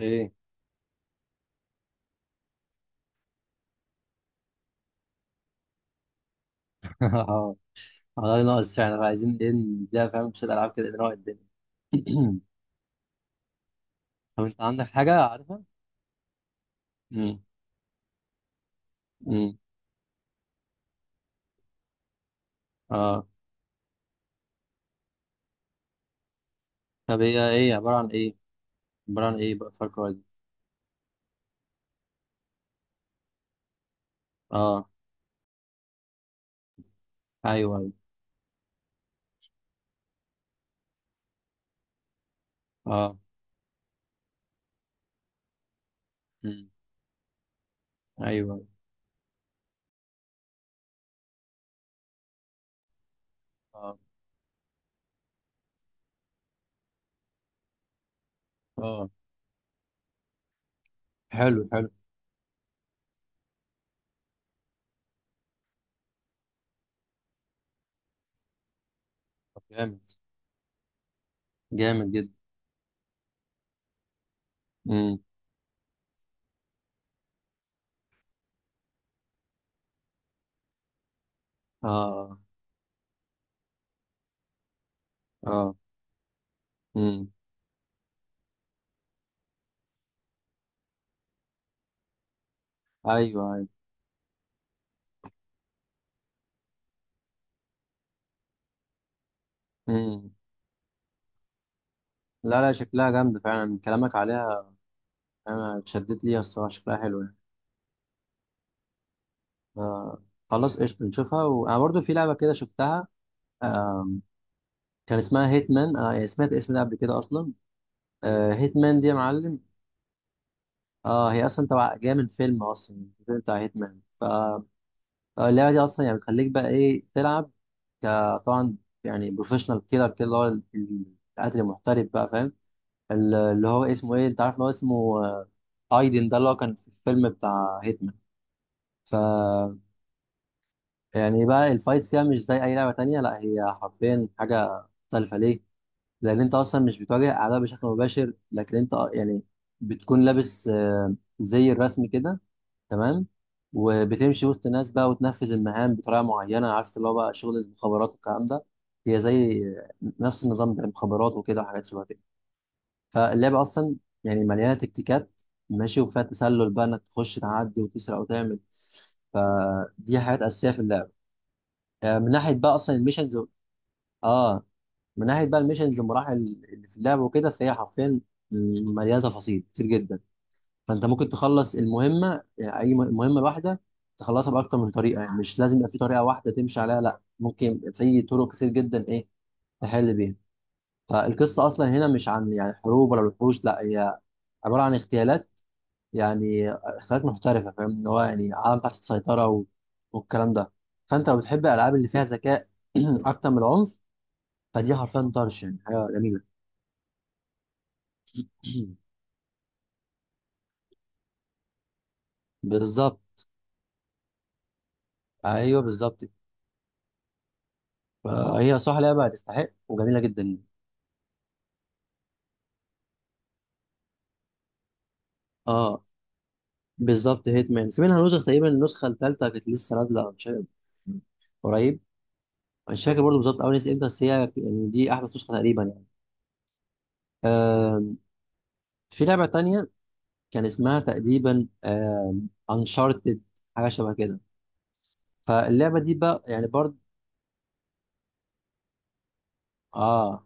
ايه. اه. والله ناقص فعلا، عايزين ايه نديها فاهم شوية العاب كده نروق الدنيا. طب انت عندك حاجة عارفها؟ امم. امم. اه. طب هي ايه عبارة عن ايه؟ عبارة عن ايه بقى فار كراي؟ اه، ايوه ايوه. اه. امم. ايوه ايوه. اه. اه. حلو حلو. طب جامد، جامد جدا. امم. اه. اه. امم. ايوه ايوه. امم. لا لا، شكلها جامد فعلا كلامك عليها. انا اتشددت ليها الصراحة، شكلها حلو يعني. آه. خلاص قشطة نشوفها، وأنا برضو في لعبة كده شفتها. آه، كان اسمها هيتمان، أنا سمعت الاسم ده قبل كده أصلا. آه، هيتمان دي يا معلم. آه، هي أصلا تبع جاية من فيلم، أصلا الفيلم بتاع هيتمان. فاللعبة دي أصلا يعني بتخليك بقى إيه تلعب. طبعا، يعني بروفيشنال كيلر كده، اللي هو القاتل المحترف بقى فاهم. اللي هو اسمه إيه، أنت عارف اللي هو اسمه ايدن ده، اللي هو كان في الفيلم بتاع هيتمان. ف يعني بقى الفايت فيها مش زي اي لعبه تانية، لا هي حرفيا حاجه مختلفه ليه. لان انت اصلا مش بتواجه اعداء بشكل مباشر، لكن انت يعني بتكون لابس زي الرسم كده تمام، وبتمشي وسط الناس بقى وتنفذ المهام بطريقه معينه، عارف اللي هو بقى شغل المخابرات والكلام ده. هي زي نفس النظام ده المخابرات وكده وحاجات شبه كده. فاللعبه اصلا يعني مليانه تكتيكات ماشي، وفيها تسلل بقى انك تخش تعدي وتسرق وتعمل، فدي حاجات اساسيه في اللعبه. من ناحيه بقى اصلا الميشنز اه. من ناحيه بقى الميشنز والمراحل اللي في اللعبه وكده، فهي حرفيا مليانه تفاصيل كتير جدا. فانت ممكن تخلص المهمه، يعني اي مهمه لوحده تخلصها باكتر من طريقه، يعني مش لازم يبقى في طريقه واحده تمشي عليها، لا ممكن في طرق كتير جدا ايه تحل بيها. فالقصه اصلا هنا مش عن يعني حروب ولا وحوش، لا هي عباره عن اغتيالات، يعني اغتيالات محترفه فاهم، ان هو يعني عالم تحت السيطره و... والكلام ده. فانت لو بتحب الالعاب اللي فيها ذكاء اكتر من العنف، فدي حرفيا طرش يعني حاجه جميله. بالظبط، ايوه بالظبط. فهي صح لعبه هتستحق وجميله جدا يعني. اه بالظبط، هيتمان في منها نسخ تقريبا، النسخه الثالثه كانت لسه نازله مش عارف، قريب. مش فاكر برضه بالظبط اول نسخه امتى، بس هي يعني دي احدث نسخه تقريبا يعني. آم، في لعبه تانية كان اسمها تقريبا انشارتد، حاجه شبه كده. فاللعبه دي بقى يعني برضه اه،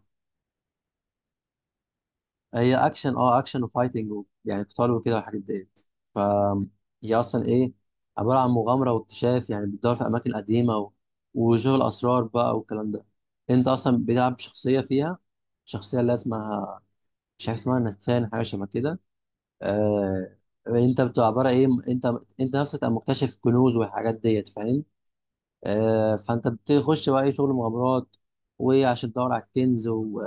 هي اكشن. اه اكشن وفايتنج يعني قتال وكده والحاجات ديت. ف هي اصلا ايه عباره عن مغامره واكتشاف، يعني بتدور في اماكن قديمه و... وشغل اسرار بقى والكلام ده. انت اصلا بتلعب شخصيه فيها، شخصيه اللي اسمها مش عارف اسمها نثان، حاجه شبه كده. آه... انت بتبقى عباره ايه، انت نفسك تبقى مكتشف كنوز والحاجات ديت فاهم. فانت بتخش بقى اي شغل مغامرات، وعشان تدور على الكنز و...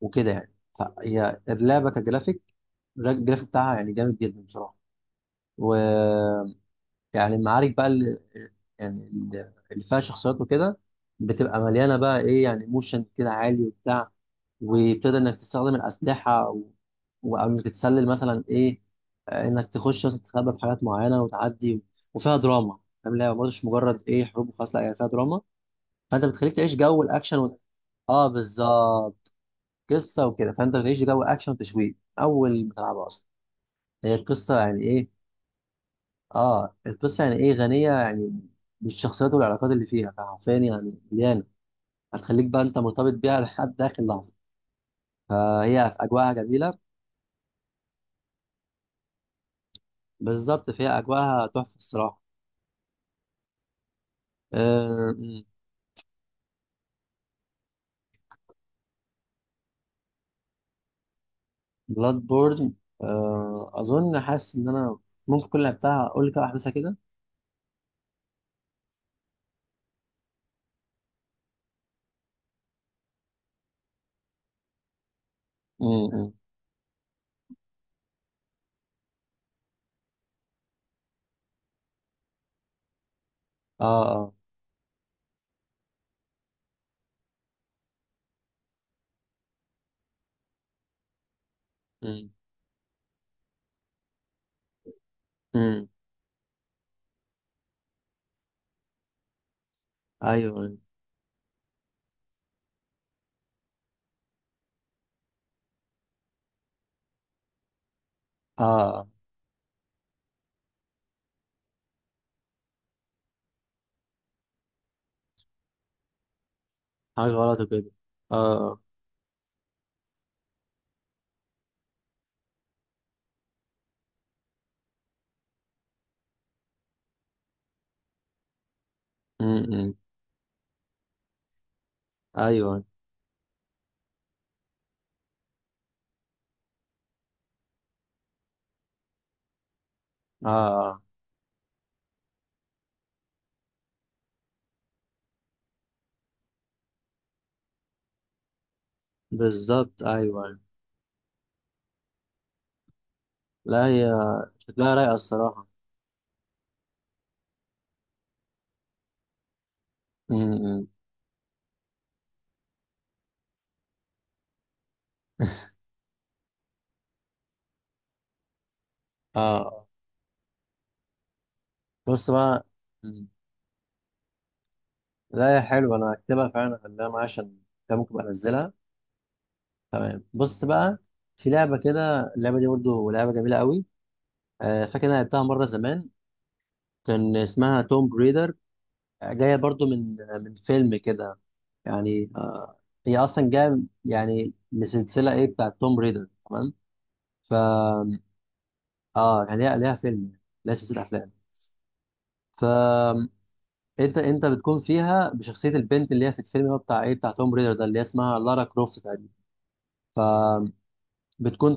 وكده يعني. فهي اللعبه كجرافيك، الجرافيك بتاعها يعني جامد جدا بصراحه. ويعني المعارك بقى اللي يعني اللي فيها شخصيات وكده بتبقى مليانه بقى ايه، يعني موشن كده عالي وبتاع. وبتقدر انك تستخدم الاسلحه و... او انك تتسلل مثلا ايه، انك تخش مثلا تتخبى في حاجات معينه وتعدي. وفيها دراما فاهم، لا برضه مش مجرد ايه حروب وخلاص، لا هي فيها دراما. فانت بتخليك تعيش جو الاكشن و... اه بالظبط، قصه وكده، فانت بتعيش جو اكشن وتشويق اول ما تلعبها، اصلا هي القصه يعني ايه. اه القصه يعني ايه غنيه، يعني بالشخصيات والعلاقات اللي فيها، فحرفيا يعني مليانه، هتخليك بقى انت مرتبط بيها لحد اخر لحظه. فهي في اجواءها جميله. بالظبط، فهي اجواءها تحفه الصراحه. آه، بلاد بورن. آه اظن حاسس ان انا ممكن كل اللي لعبتها اقول لك احداثها كده. امم. اه. اه. امم. ايوه أيوه. اه. حاجة غلط كده. اه. م -م. ايوه. اه بالظبط، ايوه. لا هي شكلها رايقة الصراحة. م -م. اه بص بقى. م. لا هي حلوة، انا هكتبها فعلا اخليها معايا، عشان كده ممكن أبقى انزلها. تمام بص بقى، في لعبة كده، اللعبة دي برضو لعبة جميلة قوي. آه فاكر انا لعبتها مرة زمان، كان اسمها توم بريدر، جاية برضو من فيلم كده يعني. هي أصلا جاية يعني لسلسلة إيه بتاعت توم ريدر تمام. فا آه يعني ليها، ليها فيلم، ليها سلسلة أفلام. فأنت أنت انت بتكون فيها بشخصية البنت اللي هي في الفيلم، هو بتاع إيه، بتاع توم ريدر ده اللي هي اسمها لارا كروفت تقريبا. فبتكون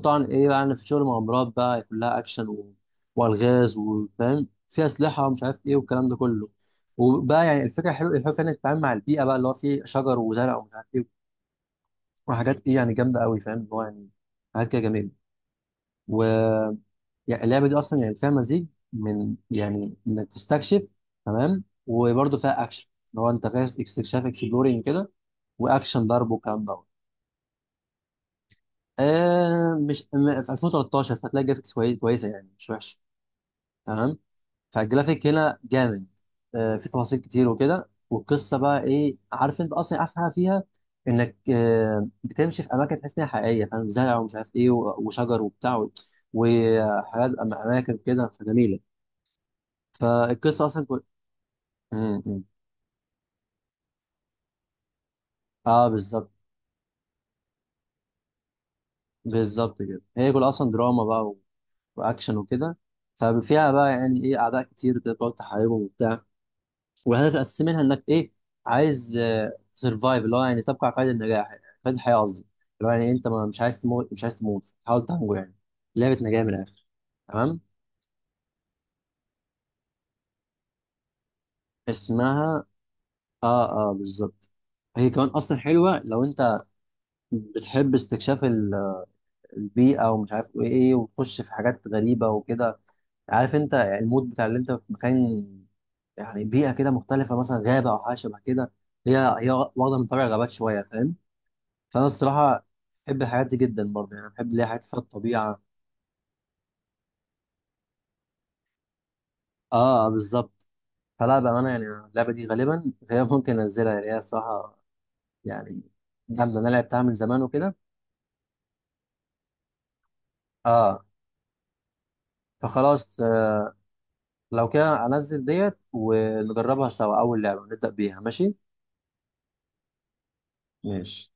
طبعا إيه، يعني في شغل مغامرات بقى كلها أكشن و... وألغاز وفاهم فيها أسلحة ومش عارف إيه والكلام ده كله. وبقى يعني الفكره حلوه، الحلو فعلا انك تتعامل مع البيئه بقى اللي هو فيه شجر وزرع ومش عارف ايه وحاجات ايه يعني جامده قوي فاهم، اللي هو يعني حاجات كده جميله. و يعني اللعبه دي اصلا يعني فيها مزيج من يعني انك تستكشف تمام. وبرده فيها اكشن، اللي هو انت فيها استكشاف اكسبلورينج كده، واكشن ضرب والكلام دوت. آه مش في 2013، فتلاقي جرافيكس كويسه يعني مش وحشه. تمام، فالجرافيك هنا جامد. في تفاصيل كتير وكده، والقصه بقى ايه عارف انت اصلا احسن حاجه فيها، انك بتمشي في اماكن تحس انها حقيقيه فاهم، زرع ومش عارف ايه وشجر وبتاع وحاجات اماكن وكده فجميله. فالقصه اصلا كل... مم، مم. اه بالظبط. بالظبط كده، هي كل اصلا دراما بقى واكشن وكده. ففيها بقى يعني ايه اعداء كتير كده بتقعد تحاربهم وبتاع. وهدف منها انك ايه عايز سرفايف، اللي هو يعني تبقى على قيد النجاح، قيد الحياه قصدي. اللي هو يعني انت مش عايز تموت، حاول تنجو يعني. لعبه نجاه من الاخر. تمام. اسمها اه. اه بالظبط، هي كمان اصلا حلوه لو انت بتحب استكشاف البيئه ومش عارف ايه ايه، وتخش في حاجات غريبه وكده. عارف انت المود بتاع اللي انت في مكان يعني، بيئه كده مختلفه مثلا غابه او حاجه شبه كده. هي واخده من طابع الغابات شويه فاهم. فانا الصراحه بحب الحاجات دي جدا برضه، يعني بحب اللي هي حاجات فيها الطبيعه. اه. بالظبط. فلا بامانه يعني اللعبه دي غالبا، غالبا ممكن انزلها يعني، هي الصراحه يعني جامده، انا لعبتها من زمان وكده. اه. فخلاص لو كده انزل ديت ونجربها سوا، اول لعبه نبدا بيها ماشي. ماشي.